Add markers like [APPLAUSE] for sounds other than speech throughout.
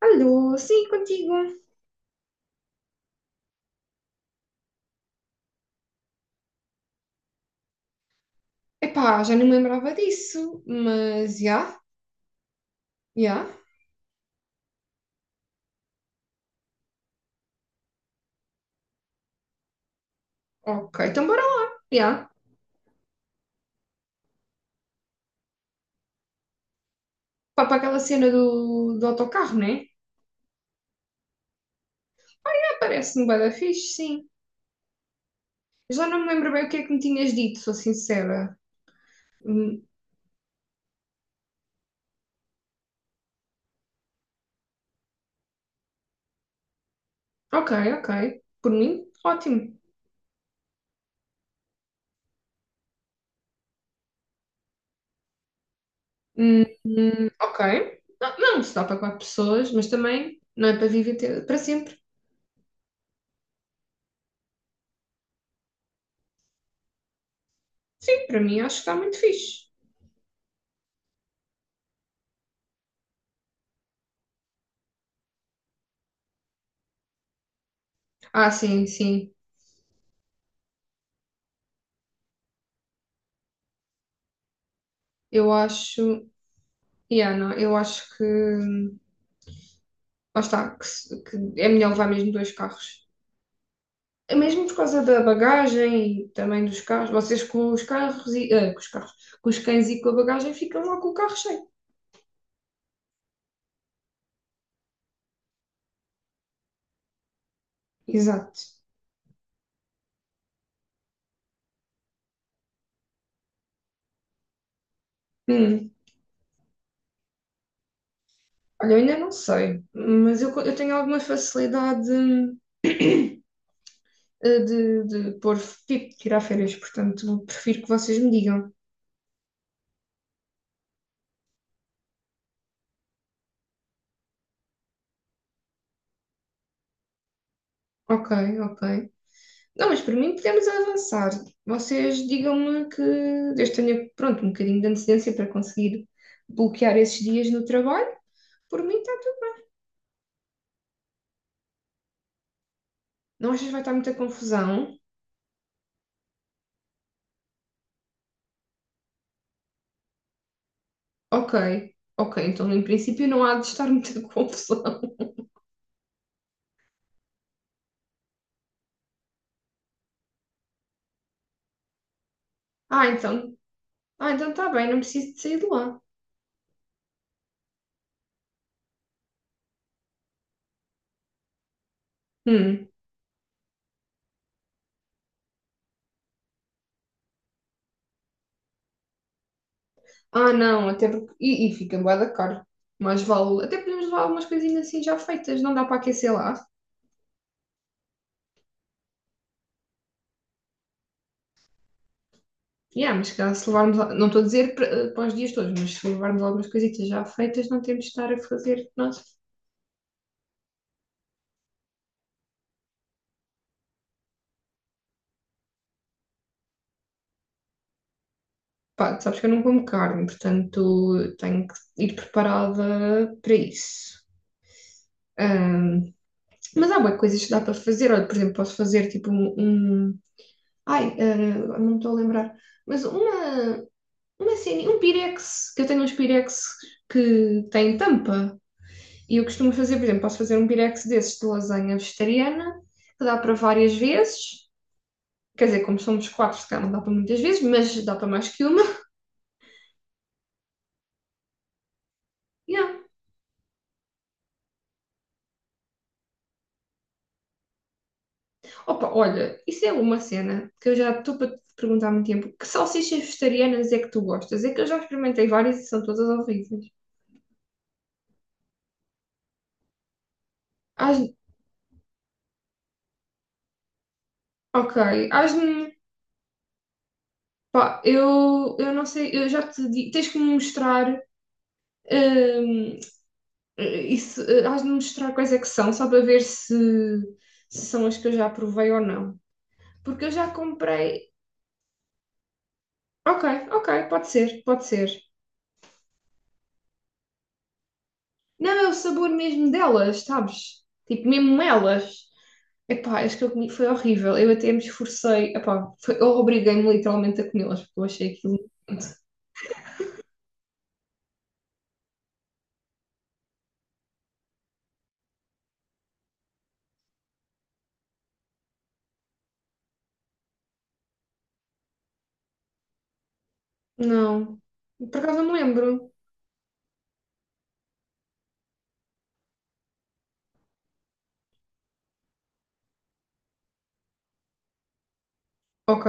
Alô, sim, contigo. Epá, já não me lembrava disso, mas já, já. Ok, então bora lá, já. Pá, para aquela cena do autocarro, né? É, parece-me bué da fixe, sim. Já não me lembro bem o que é que me tinhas dito, sou sincera. Hum, ok, ok. Por mim, ótimo. Ok. Não, não, se dá para quatro pessoas, mas também não é para para sempre. Sim, para mim acho que está muito fixe. Ah, sim, sim. Eu acho. Yeah, não, eu acho que. Lá está, que, se- que é melhor levar mesmo dois carros. É mesmo por causa da bagagem e também dos carros. Vocês com os carros e. ah, com os carros. Com os cães e com a bagagem ficam lá com o carro cheio. Exato. Hum, Olha, eu ainda não sei, mas eu tenho alguma facilidade [COUGHS] [CLEARS THROAT] de pôr, tipo, tirar férias, portanto, prefiro que vocês me digam. Ok, ok. Não, mas por mim podemos avançar. Vocês digam-me que eu tenha, pronto, um bocadinho de antecedência para conseguir bloquear esses dias no trabalho. Por mim, tá. Não achas que vai estar muita confusão? Ok, ok, então em princípio não há de estar muita [LAUGHS] confusão. Ah, então, ah, então está bem, não preciso de sair de lá. Hum. Ah, não, até porque. E fica bué da caro. Mais vale. Até podemos levar algumas coisinhas assim já feitas, não dá para aquecer lá. Yeah, mas se calhar se levarmos, não estou a dizer para, para os dias todos, mas se levarmos algumas coisitas já feitas, não temos de estar a fazer nós. Pá, sabes que eu não como carne, portanto tenho que ir preparada para isso. Ahm, mas há boas coisas que dá para fazer. Olha, por exemplo, posso fazer ai, ah, não me estou a lembrar. Mas uma cena, um pirex, que eu tenho uns pirex que têm tampa. E eu costumo fazer, por exemplo, posso fazer um pirex desses de lasanha vegetariana, que dá para várias vezes. Quer dizer, como somos quatro, se calhar não dá para muitas vezes, mas dá para mais que uma. Yeah. Opa, olha, isso é uma cena que eu já estou para te perguntar há muito tempo. Que salsichas vegetarianas é que tu gostas? É que eu já experimentei várias e são todas horríveis. As... Ok, as-me. Pá, eu não sei, eu já te digo, tens que me mostrar hum, isso, has de me mostrar quais é que são, só para ver se são as que eu já provei ou não. Porque eu já comprei. Ok, ok, pode ser, pode ser. Não, é o sabor mesmo delas, sabes? Tipo, mesmo elas. Epá, acho que eu comi, foi horrível. Eu até me esforcei. Epá, foi, eu obriguei-me literalmente a comê-las, porque eu achei aquilo. Não. Por acaso não me lembro. Ok.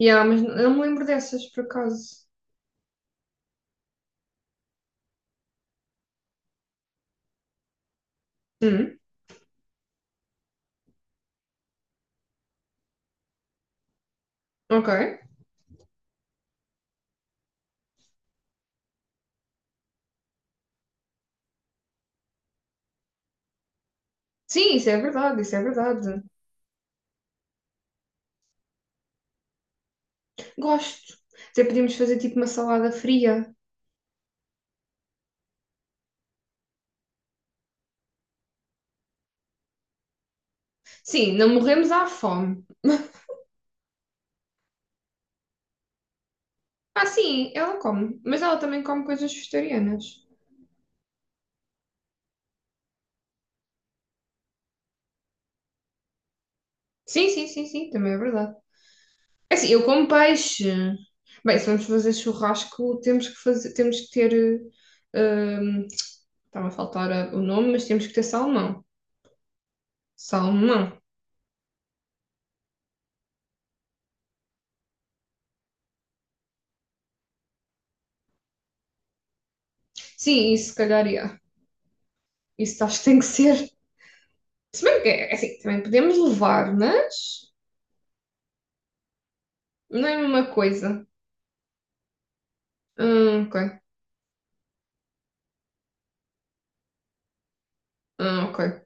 Yeah, mas não não me lembro dessas, por acaso. Hum, ok. Sim, isso é verdade, isso é verdade. Gosto. Até podíamos fazer tipo uma salada fria. Sim, não morremos à fome. Ah, sim, ela come. Mas ela também come coisas vegetarianas. Sim, sim, sim, sim, também é verdade. É assim, eu como peixe. Bem, se vamos fazer churrasco, temos que fazer, temos que ter. Uh, estava a faltar o nome, mas temos que ter salmão. Salmão. Sim, isso se calhar ia. Isso acho que tem que ser. Se bem que é assim, também podemos levar, mas não é a mesma coisa. Ok. Ok.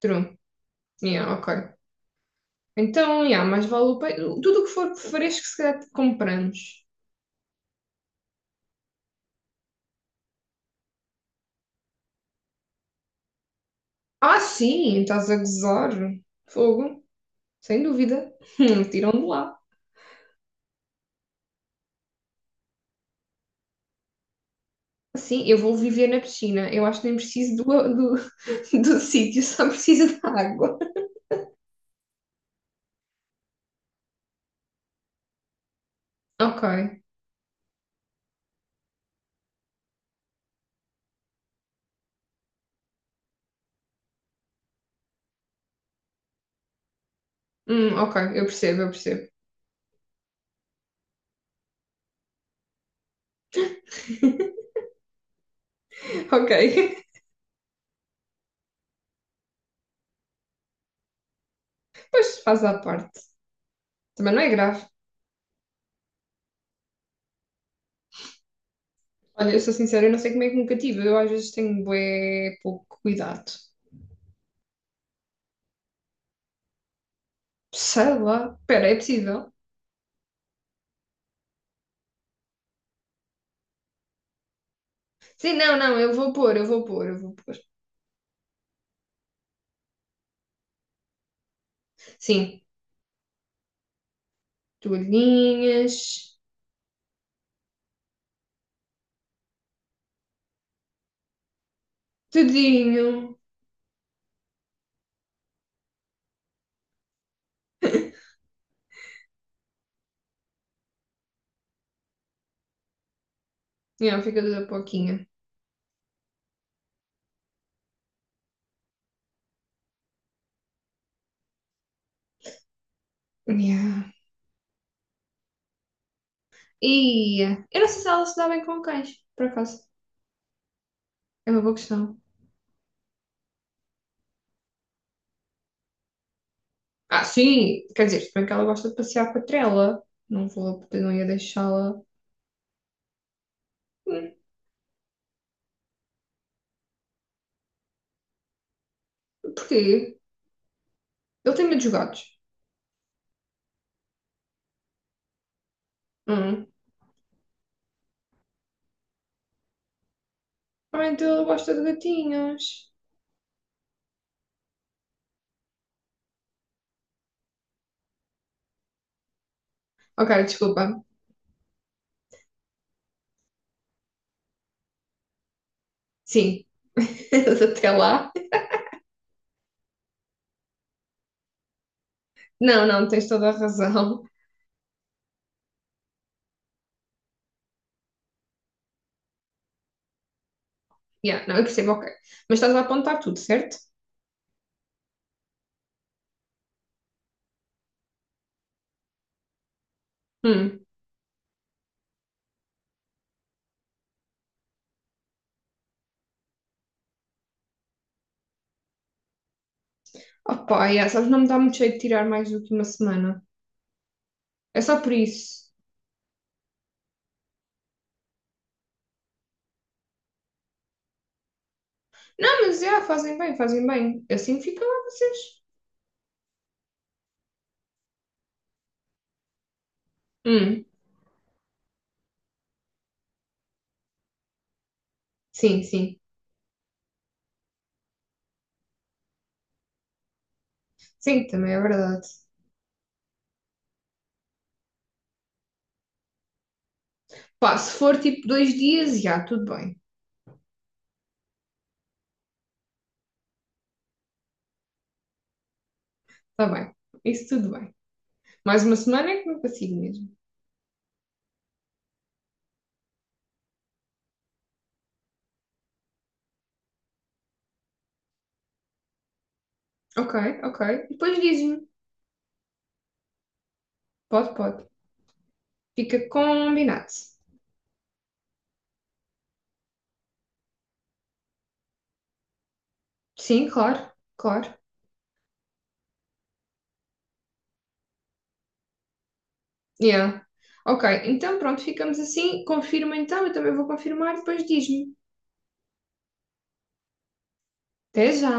True. Yeah, ok. Então, yeah, mais vale o peixe. Tudo o que for fresco, se calhar compramos. Ah, sim, estás a gozar. Fogo. Sem dúvida. [LAUGHS] Tiram de lá. Sim, eu vou viver na piscina. Eu acho que nem [LAUGHS] do sítio, só preciso da água. Ok. Ok, eu percebo, eu percebo. Ok. [LAUGHS] Pois faz à parte. Também não é grave. Olha, eu sou sincera, eu não sei como é que me cativa. Eu às vezes tenho bué pouco cuidado. Sei lá. Espera, é possível? Sim, não, não, eu vou pôr. Sim. Toalhinhas. Tudinho. Yeah, fica tudo a pouquinho. Yeah. E eu não sei se ela se dá bem com cães, por acaso. É uma boa questão. Ah, sim, quer dizer, se bem que ela gosta de passear com a trela. Não ia deixá-la. Hum, porquê? Ele tem medo dos gatos. Hum. Ah, então ele gosta de gatinhos. Ok, desculpa. Sim. [LAUGHS] Até lá. Não, não, tens toda a razão. Yeah, não, eu percebo, ok. Mas estás a apontar tudo, certo? Hum. Opa, yeah, sabes, não me dá muito jeito de tirar mais do que uma semana. É só por isso. Não, mas já, fazem bem, fazem bem. Assim fica lá vocês. Hum, sim, sim. Sim, também é verdade. Pá, se for tipo dois dias, já, tudo bem. Está bem. Isso tudo bem. Mais uma semana é que não consigo mesmo. Ok, ok. Depois dizem. Pode, pode. Fica combinado. Sim, claro, claro. Yeah. Ok, então pronto, ficamos assim. Confirma então, eu também vou confirmar, depois diz-me. Até já!